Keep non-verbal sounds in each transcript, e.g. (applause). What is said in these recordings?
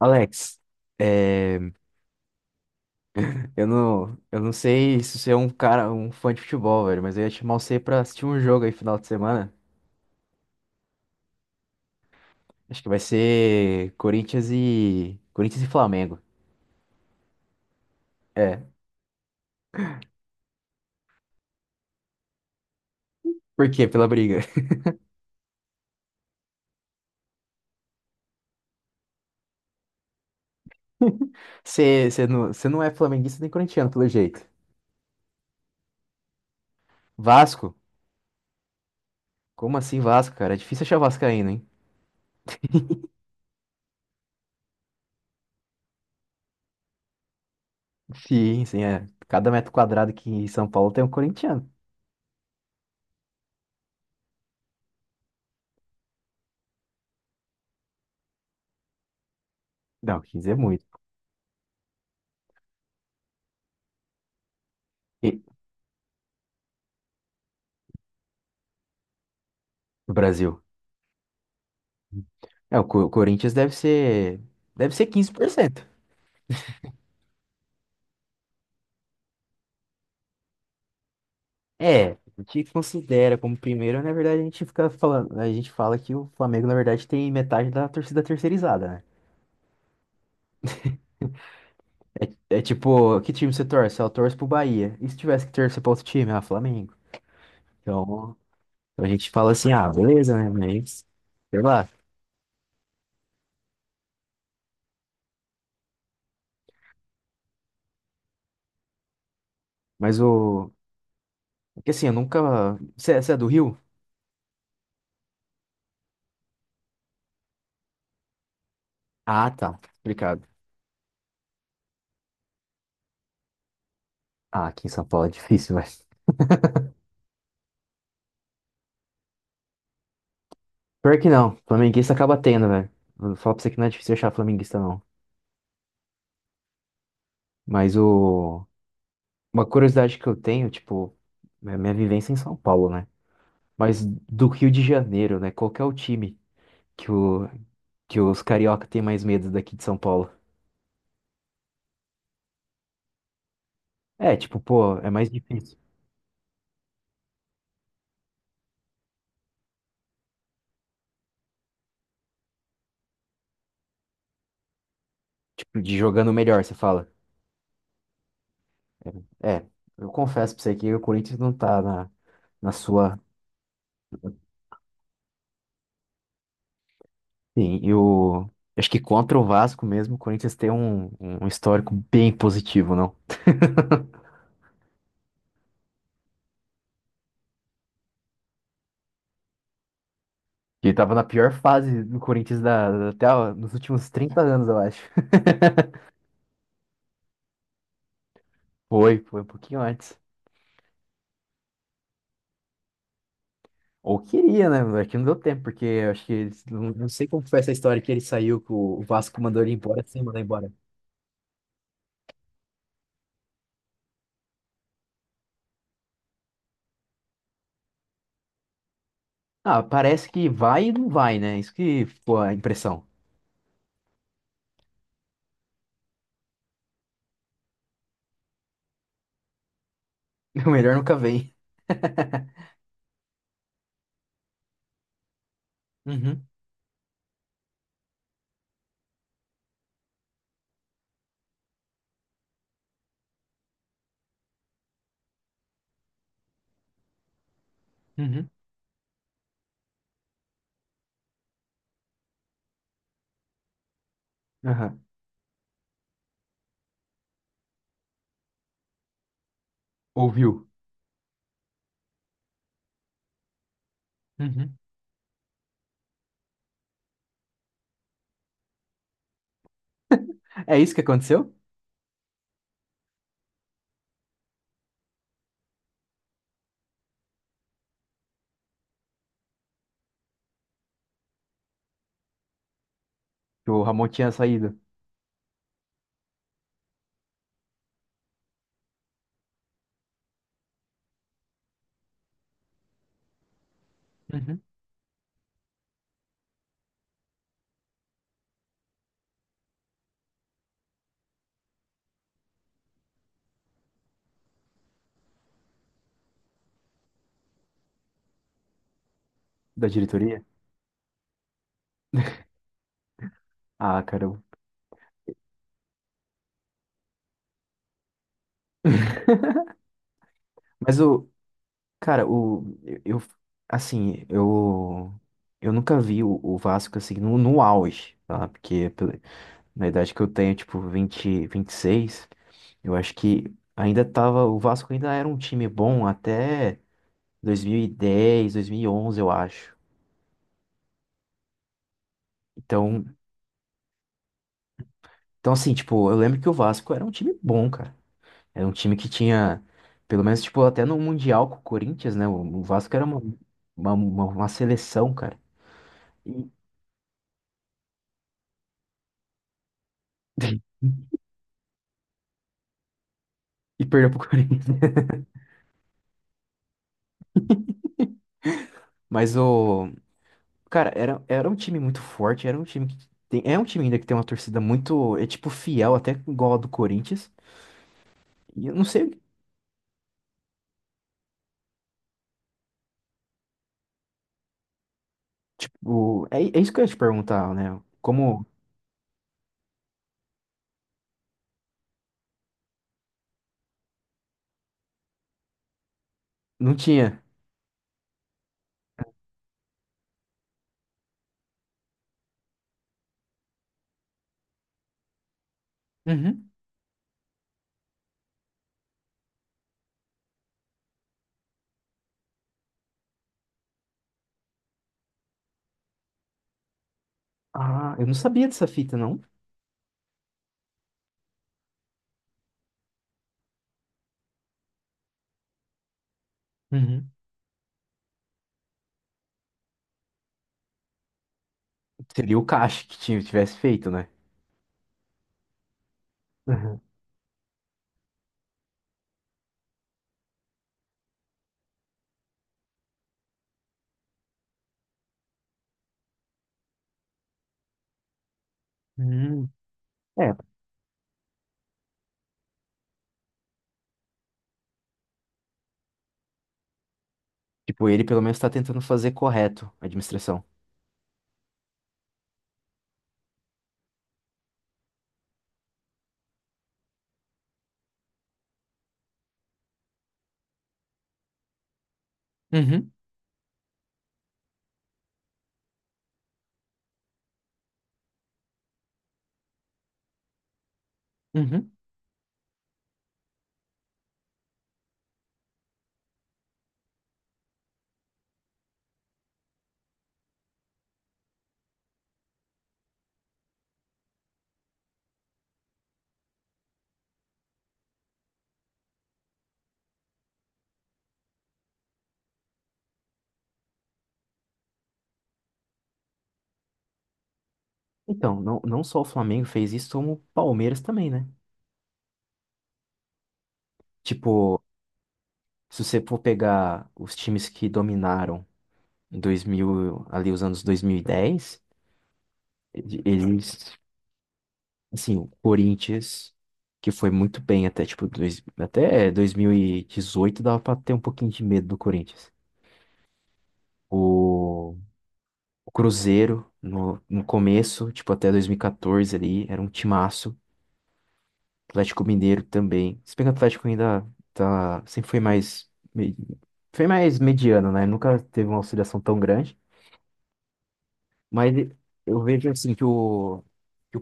Alex, é, eu não sei se você é um fã de futebol, velho, mas eu ia te chamar você pra assistir um jogo aí final de semana. Acho que vai ser Corinthians e Flamengo. É, por quê? Pela briga. (laughs) Você não é flamenguista nem corintiano, pelo jeito. Vasco? Como assim Vasco, cara? É difícil achar vascaíno, hein? Sim, sim, é. Cada metro quadrado aqui em São Paulo tem um corintiano. Não, 15 é muito. E, no Brasil. É, Corinthians deve ser 15%. É, a gente considera como primeiro, na verdade a gente fica falando, a gente fala que o Flamengo, na verdade, tem metade da torcida terceirizada, né? É, é tipo, que time você torce? Ah, eu torço pro Bahia. E se tivesse que torcer pra outro time? Ah, Flamengo. Então, então a gente fala assim, ah, beleza, né? Mas, sei lá. Mas o. É que assim, eu nunca. Você é do Rio? Ah, tá. Explicado. Ah, aqui em São Paulo é difícil, velho. (laughs) Pior que não. Flamenguista acaba tendo, velho. Vou falar pra você que não é difícil achar flamenguista, não. Mas o. Uma curiosidade que eu tenho, tipo, é a minha vivência em São Paulo, né? Mas do Rio de Janeiro, né? Qual que é o time que, o, que os carioca têm mais medo daqui de São Paulo? É, tipo, pô, é mais difícil. Tipo, de jogando melhor, você fala. É, eu confesso pra você que o Corinthians não tá na, na sua. Sim, e o. Acho que contra o Vasco mesmo, o Corinthians tem um histórico bem positivo, não? (laughs) Ele tava na pior fase do Corinthians até ó, nos últimos 30 anos, eu acho. (laughs) Foi um pouquinho antes. Ou queria, né? É que não deu tempo, porque eu acho que eles, não sei como foi essa história que ele saiu, que o Vasco mandou ele embora sem mandar embora. Ah, parece que vai e não vai, né? Isso que ficou a impressão. (laughs) O melhor nunca vem. Uhum, uhum, (laughs) aham. Ouviu? Uhum. É isso que aconteceu? Que o Ramon tinha saído? Uhum. Da diretoria? Ah, cara. (laughs) Mas o. Cara, o. Eu. eu- Assim, eu. Eu nunca vi o Vasco assim no auge, tá? Porque na idade que eu tenho, tipo, 26, eu acho que ainda tava, o Vasco ainda era um time bom até dois mil mil e dez, 2011, eu acho. Então, tipo, eu lembro que o Vasco era um time bom, cara. Era um time que tinha, pelo menos, tipo, até no Mundial com o Corinthians, né? O Vasco era uma seleção, cara. E, e perdeu pro (laughs) Corinthians. Mas o, cara, era um time muito forte, era um time que tem, é um time ainda que tem uma torcida muito, é tipo, fiel, até igual a do Corinthians. E eu não sei, tipo, é isso que eu ia te perguntar, né? Como não tinha. Uhum. Ah, eu não sabia dessa fita, não. Uhum. Seria o Kashi que tivesse feito, né? Uhum. Hum. É, tipo, ele pelo menos tá tentando fazer correto a administração. Uhum. Uhum. Então, não, não só o Flamengo fez isso, como o Palmeiras também, né? Tipo, se você for pegar os times que dominaram em 2000, ali os anos 2010, eles assim, o Corinthians, que foi muito bem até, tipo, até 2018 dava pra ter um pouquinho de medo do Corinthians. O, o Cruzeiro, no começo, tipo, até 2014 ali, era um timaço. Atlético Mineiro também. Se bem que o Atlético ainda tá, sempre foi mais, foi mais mediano, né? Nunca teve uma oscilação tão grande. Mas eu vejo, assim, que o,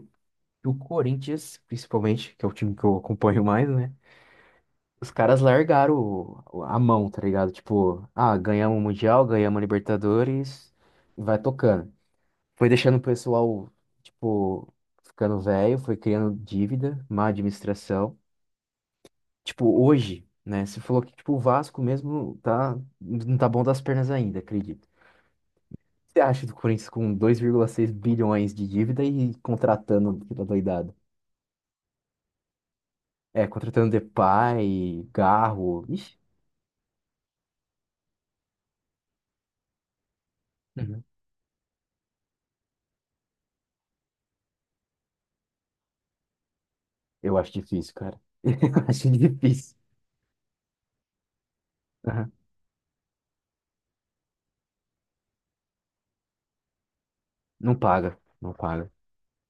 que o Corinthians, principalmente, que é o time que eu acompanho mais, né? Os caras largaram a mão, tá ligado? Tipo, ah, ganhamos o Mundial, ganhamos a Libertadores, e vai tocando. Foi deixando o pessoal, tipo, ficando velho, foi criando dívida, má administração. Tipo, hoje, né? Você falou que, tipo, o Vasco mesmo tá, não tá bom das pernas ainda, acredito. O que você acha do Corinthians com 2,6 bilhões de dívida e contratando aquela doidada? É, contratando Depay, Garro. Ixi, uhum. Eu acho difícil, cara. (laughs) Eu acho difícil. Aham. Não paga, não paga.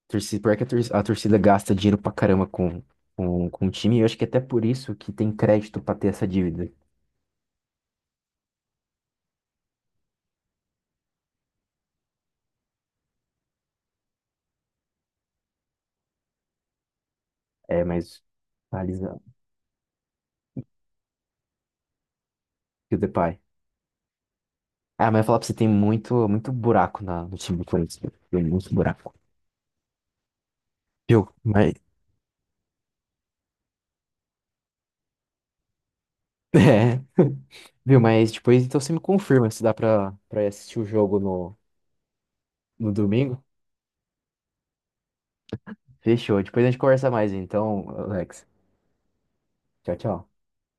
Pior que a torcida gasta dinheiro pra caramba com o time, e eu acho que é até por isso que tem crédito pra ter essa dívida. É, mas analisando. E o Depay. Ah, mas eu ia falar pra você, tem muito, muito buraco na, no time do Corinthians. Viu? Tem muito buraco. Viu? Mas. (laughs) É, viu? Mas depois então você me confirma se dá pra, pra assistir o jogo no domingo. Fechou. Depois a gente conversa mais, então, Alex. Tchau, tchau.